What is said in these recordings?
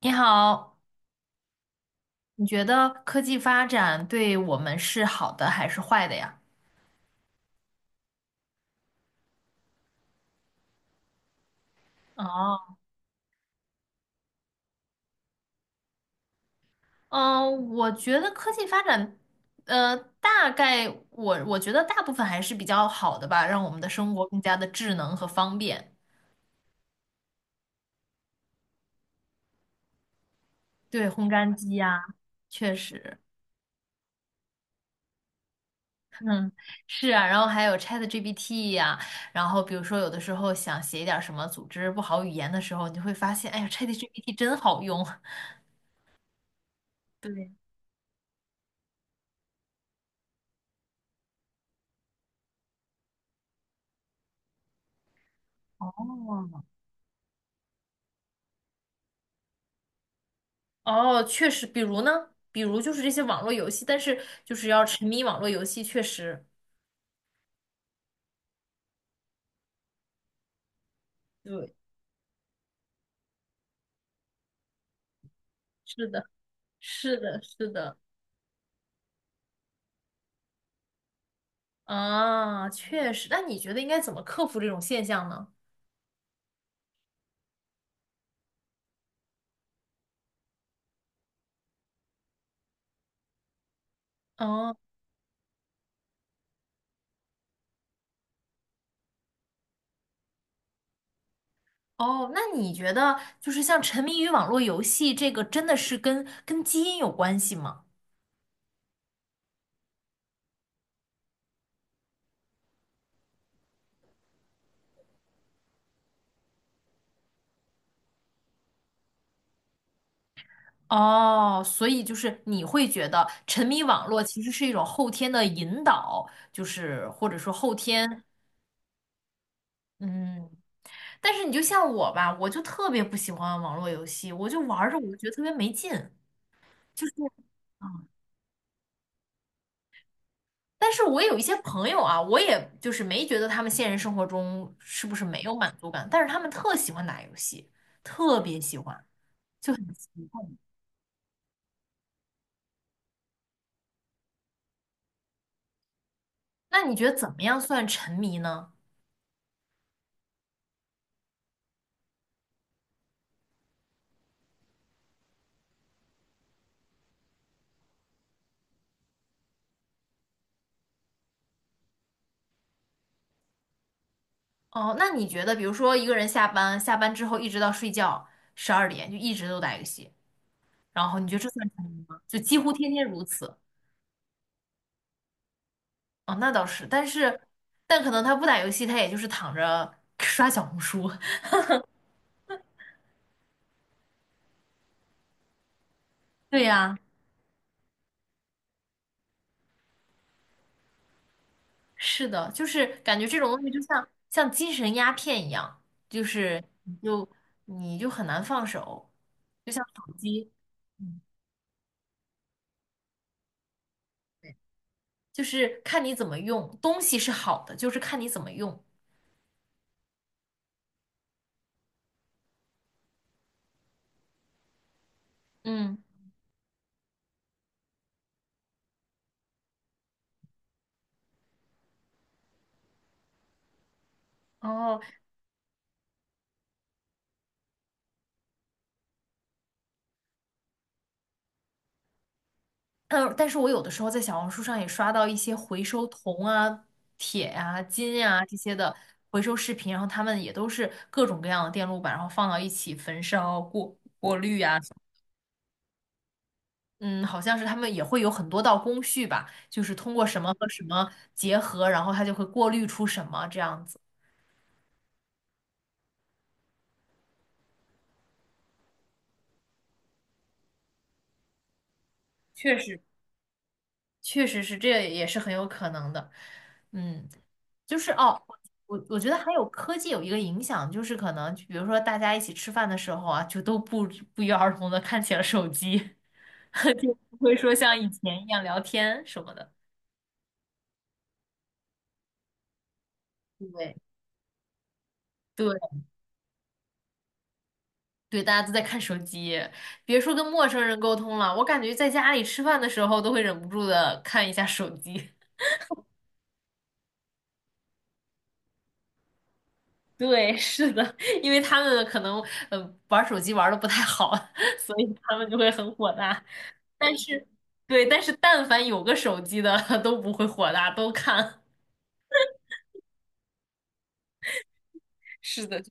你好，你觉得科技发展对我们是好的还是坏的呀？哦，嗯，我觉得科技发展，大概我觉得大部分还是比较好的吧，让我们的生活更加的智能和方便。对，烘干机呀，确实是啊，然后还有 ChatGPT 呀，然后比如说有的时候想写一点儿什么组织不好语言的时候，你就会发现，哎呀，ChatGPT 真好用。对，哦，哦，确实，比如呢，比如就是这些网络游戏，但是就是要沉迷网络游戏，确实，对，是的，是的，是的，啊，确实。那你觉得应该怎么克服这种现象呢？哦哦，那你觉得就是像沉迷于网络游戏这个，真的是跟基因有关系吗？哦，所以就是你会觉得沉迷网络其实是一种后天的引导，就是或者说后天。嗯，但是你就像我吧，我就特别不喜欢网络游戏，我就玩儿着我就觉得特别没劲。就是，啊。但是我有一些朋友啊，我也就是没觉得他们现实生活中是不是没有满足感，但是他们特喜欢打游戏，特别喜欢，就很奇怪。那你觉得怎么样算沉迷呢？哦，那你觉得，比如说一个人下班，下班之后一直到睡觉12点，就一直都打游戏，然后你觉得这算沉迷吗？就几乎天天如此。哦，那倒是，但是，但可能他不打游戏，他也就是躺着刷小红书。对呀，是的，就是感觉这种东西就像精神鸦片一样，就是你就很难放手，就像手机，嗯，就是看你怎么用，东西是好的，就是看你怎么用。嗯，哦，嗯，但是我有的时候在小红书上也刷到一些回收铜啊、铁呀、金呀、这些的回收视频，然后他们也都是各种各样的电路板，然后放到一起焚烧、过滤呀，嗯，好像是他们也会有很多道工序吧，就是通过什么和什么结合，然后它就会过滤出什么这样子。确实，确实是，这也是很有可能的。嗯，就是哦，我觉得还有科技有一个影响，就是可能比如说大家一起吃饭的时候啊，就都不约而同的看起了手机，就不会说像以前一样聊天什么的。对对对，大家都在看手机，别说跟陌生人沟通了，我感觉在家里吃饭的时候都会忍不住的看一下手机。对，是的，因为他们可能玩手机玩的不太好，所以他们就会很火大。但是，对，但是但凡有个手机的 都不会火大，都看。是的，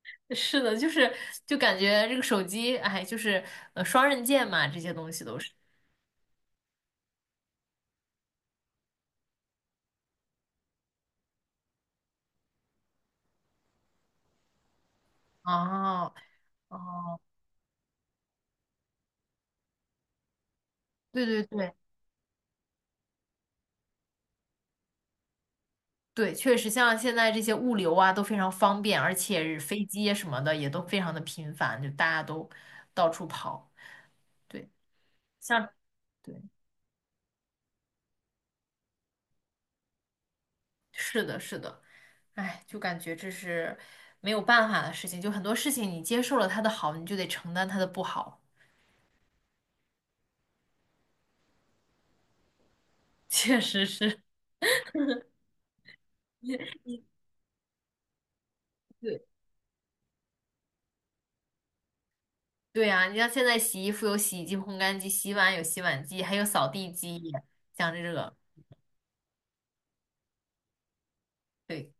是的，就是感觉这个手机，哎，就是双刃剑嘛，这些东西都是。哦哦，对对对对，确实像现在这些物流啊都非常方便，而且飞机啊什么的也都非常的频繁，就大家都到处跑。对，像。对。是的，是的，哎，就感觉这是没有办法的事情，就很多事情你接受了它的好，你就得承担它的不好，确实是。对对呀，你像现在洗衣服有洗衣机、烘干机，洗碗有洗碗机，还有扫地机，像这个，对，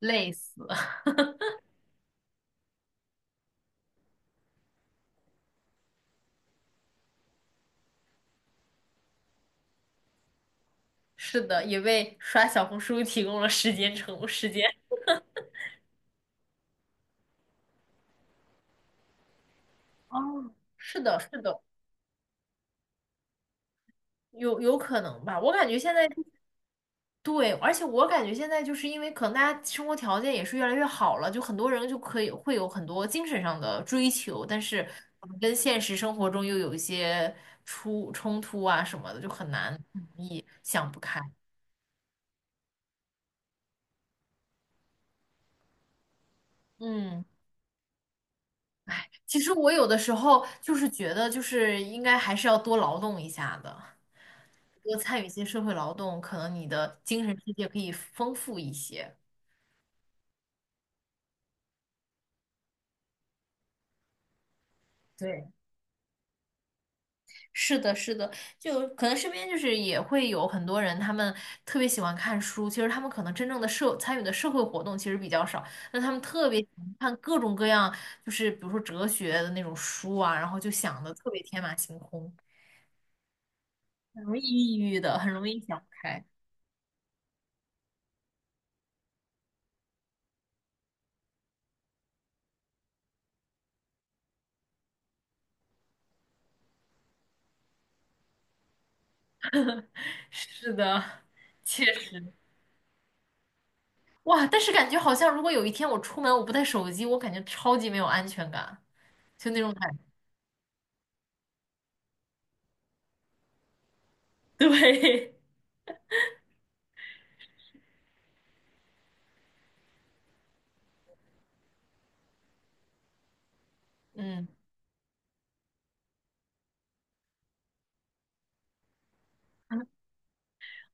累死了。是的，也为刷小红书提供了时间成时间。哦，是的，是的，有可能吧？我感觉现在对，而且我感觉现在就是因为可能大家生活条件也是越来越好了，就很多人就可以会有很多精神上的追求，但是可能跟现实生活中又有一些出冲突啊什么的，就很难很容易想不开。嗯，其实我有的时候就是觉得，就是应该还是要多劳动一下的，多参与一些社会劳动，可能你的精神世界可以丰富一些。对。是的，是的，就可能身边就是也会有很多人，他们特别喜欢看书，其实他们可能真正的参与的社会活动其实比较少，但他们特别喜欢看各种各样，就是比如说哲学的那种书啊，然后就想的特别天马行空，很容易抑郁的，很容易想不开。是的，确实，哇，但是感觉好像如果有一天我出门我不带手机，我感觉超级没有安全感，就那种感觉。对，嗯，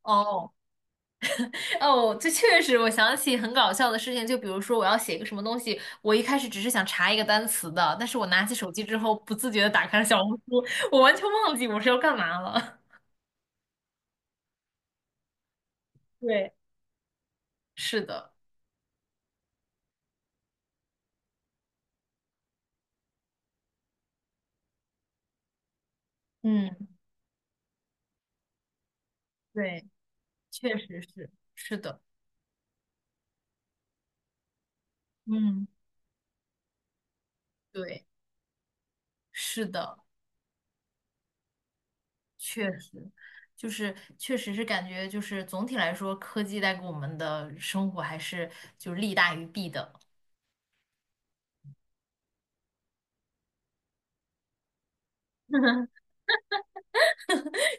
哦。哦，这确实，我想起很搞笑的事情，就比如说我要写一个什么东西，我一开始只是想查一个单词的，但是我拿起手机之后，不自觉的打开了小红书，我完全忘记我是要干嘛了。对，是的，嗯，对，确实是，是的，嗯，对，是的，确实，就是确实是感觉就是总体来说，科技带给我们的生活还是就是利大于弊的，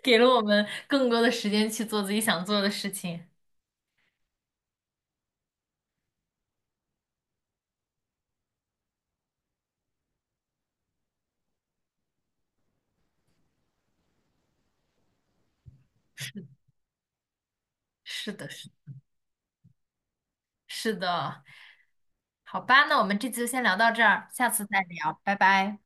给了我们更多的时间去做自己想做的事情。是的，是的，好吧，那我们这次就先聊到这儿，下次再聊，拜拜。